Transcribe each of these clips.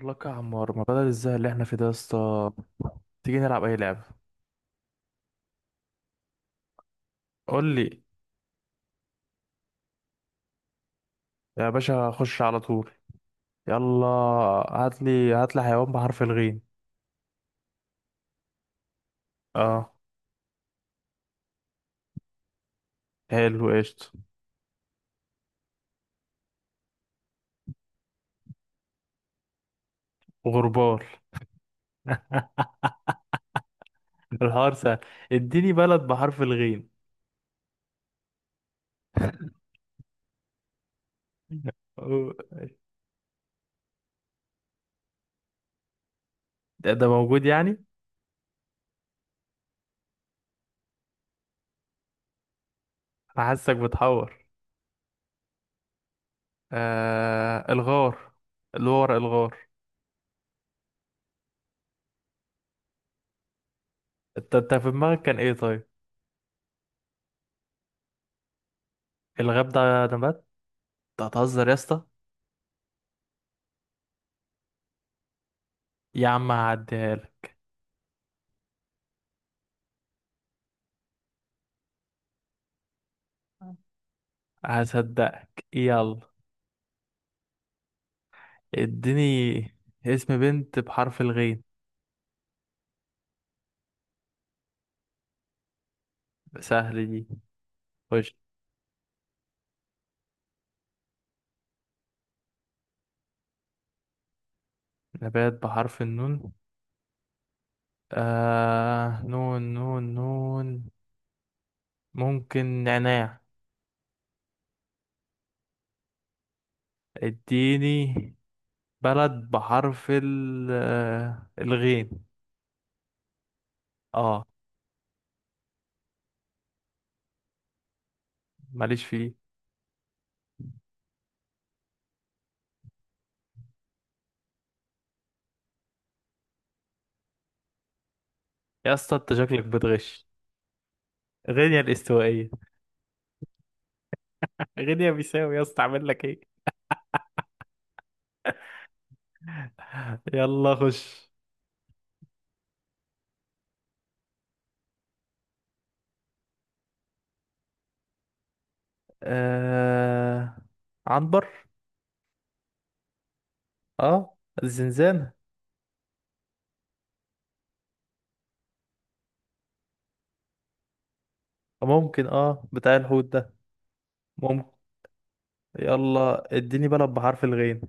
لك يا عمار، ما بدل الزهق اللي احنا فيه ده يا اسطى؟ تيجي نلعب اي لعبه؟ قول لي. يا باشا خش على طول. يلا. هات لي حيوان بحرف الغين. اه، حلو، قشطه. غربال. الحوار سهل. اديني بلد بحرف الغين. أو- ده موجود يعني. انا حاسك بتحور. آه، الغار، اللي هو ورق الغار. انت في دماغك كان ايه طيب؟ الغاب ده نبات؟ انت هتهزر يا اسطى. يا عم هعديها لك. هصدقك، يلا. اديني اسم بنت بحرف الغين. سهل دي. خش. نبات بحرف النون. آه، نون، نون، نون، ممكن نعناع. اديني بلد بحرف ال الغين. اه. ماليش فيه. يا اسطى انت شكلك بتغش. غينيا الاستوائية، غينيا بيساوي. يا اسطى اعمل لك ايه؟ يلا خش. آه... عنبر. اه، الزنزانة. ممكن اه بتاع الحوت ده. ممكن. يلا اديني بلد بحرف الغين.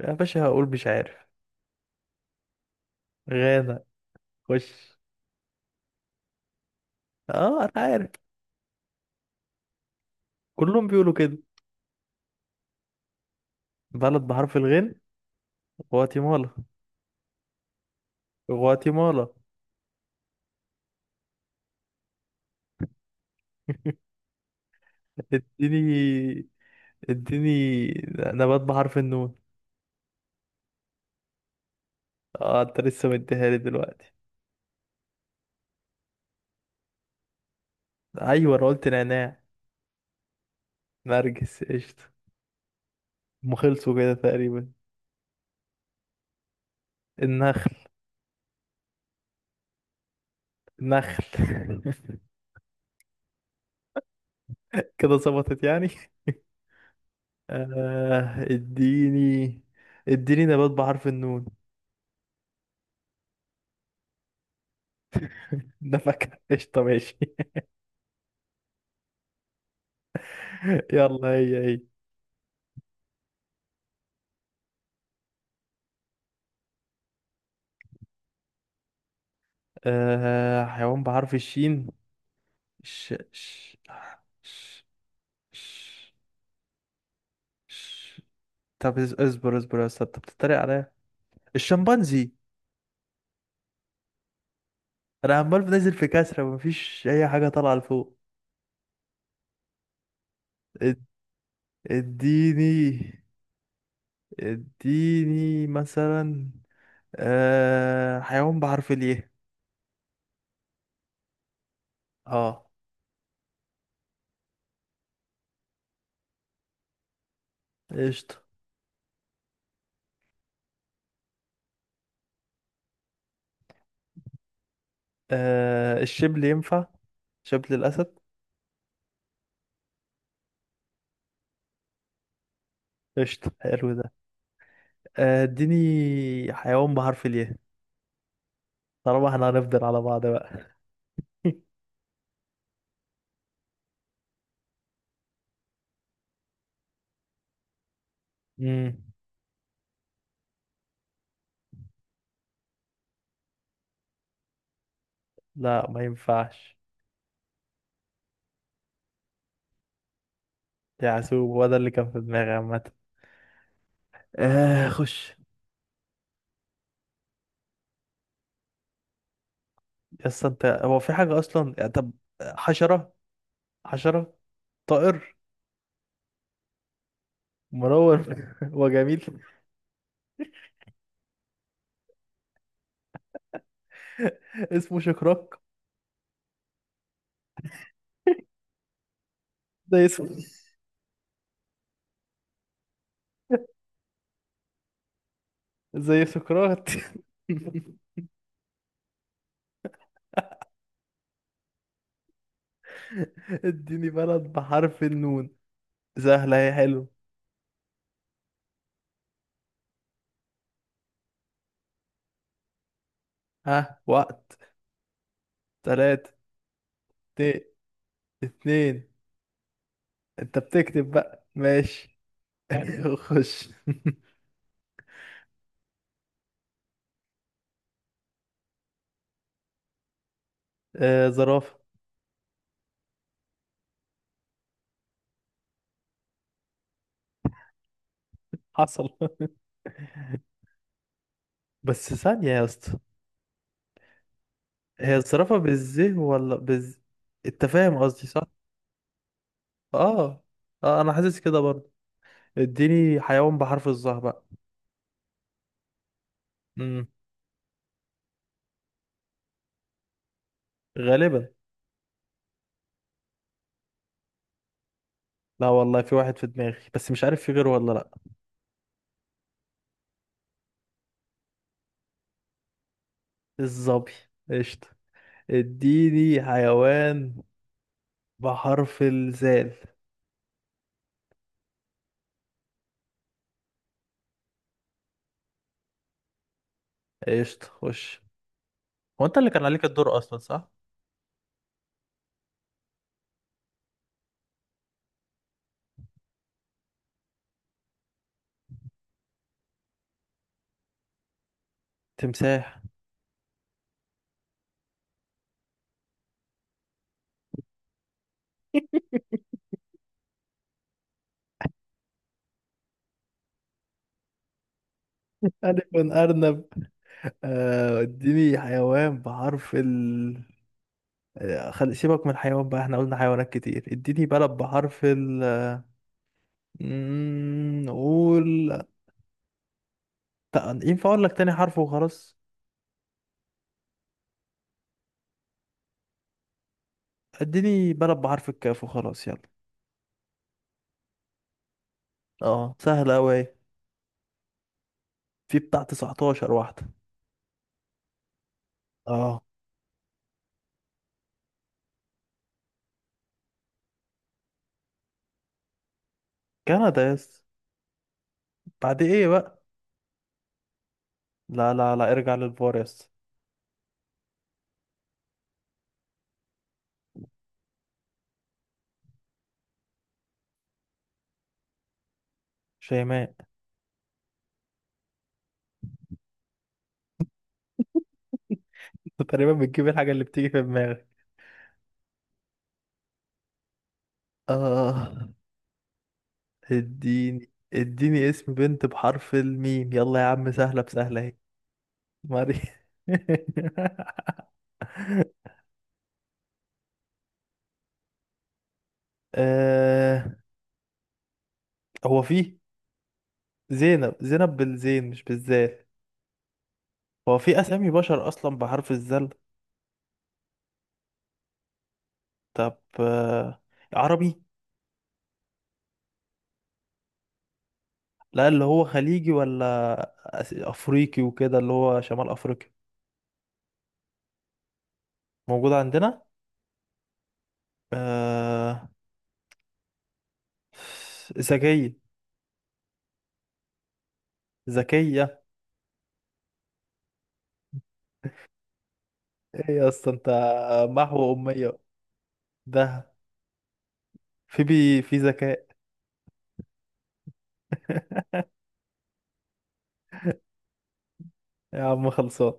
يا باشا هقول مش عارف. غانا. خش. اه انا عارف. كلهم بيقولوا كده. بلد بحرف الغين. غواتيمالا. غواتيمالا. اديني اديني نبات بحرف النون. اه انت لسه مديها لي دلوقتي. ايوه، انا قلت نعناع. نرجس، قشطة. هم خلصوا كده تقريبا. النخل. نخل. كده ظبطت يعني. آه، اديني نبات بحرف النون. ده فاكهة، قشطة ماشي. يلا، هي هي. آه، حيوان بحرف الشين. ش ش ش ش ش طب اصبر اصبر يا استاذ، انت بتتريق عليا. الشمبانزي. انا عمال بنزل في كسرة، مفيش اي حاجة طالعة لفوق. اد- اديني اديني مثلا آه حيوان بحرف الياء. اه، قشطة. آه الشبل ينفع، شبل الأسد. قشطة، حلو ده. آه، اديني حيوان بحرف الياء، طالما احنا هنفضل على بعض بقى. امم لا ما ينفعش. يعسوب هو ده اللي كان في دماغي عامة. آه خش. يس انت، هو في حاجة أصلا يعني؟ طب حشرة. حشرة. طائر. منور وجميل. اسمه شكراك، زي اسمه، زي سقراط. اديني بلد بحرف النون. سهلة هي، حلو. ها، وقت. تلاتة، اتنين، اتنين. انت بتكتب بقى ماشي. خش. آه، زرافة. حصل. بس ثانية يا اسطى، هي الزرافة بالزه ولا بالز؟ انت فاهم قصدي صح؟ اه. اه انا حاسس كده برضه. اديني حيوان بحرف الظهر بقى. امم غالبا. لا والله في واحد في دماغي، بس مش عارف في غيره ولا لا. الظبي، قشطة. اديني حيوان بحرف الزال. ايش تخش؟ هو انت اللي كان عليك الدور اصلا، صح؟ تمساح. ألف أرنب. آه، اديني حيوان بحرف سيبك من الحيوان بقى، احنا قلنا حيوانات كتير. اديني بلد بحرف ال مم، نقول. ينفع اقول لك تاني حرف وخلاص؟ اديني بلد بحرف الكاف وخلاص، يلا. اه سهلة اوي أهي. في بتاع 19 واحدة. اه، كندا يس. بعد ايه بقى؟ لا لا لا، ارجع للفار، يس. شيماء. أنت تقريبا بتجيب الحاجة اللي بتيجي في دماغك. آه، اديني اسم بنت بحرف الميم يلا يا عم، سهلة بسهلة اهي. ماري. آه، هو في زينب؟ زينب بالزين مش بالذال. هو في أسامي بشر أصلا بحرف الذال؟ طب آه، عربي؟ لا اللي هو خليجي، ولا أفريقي وكده، اللي هو شمال أفريقيا. موجود عندنا. آه، ذكية. ذكية. ايه يا اسطى انت؟ محو أمية ده؟ في بي، في ذكاء. يا عم خلصان.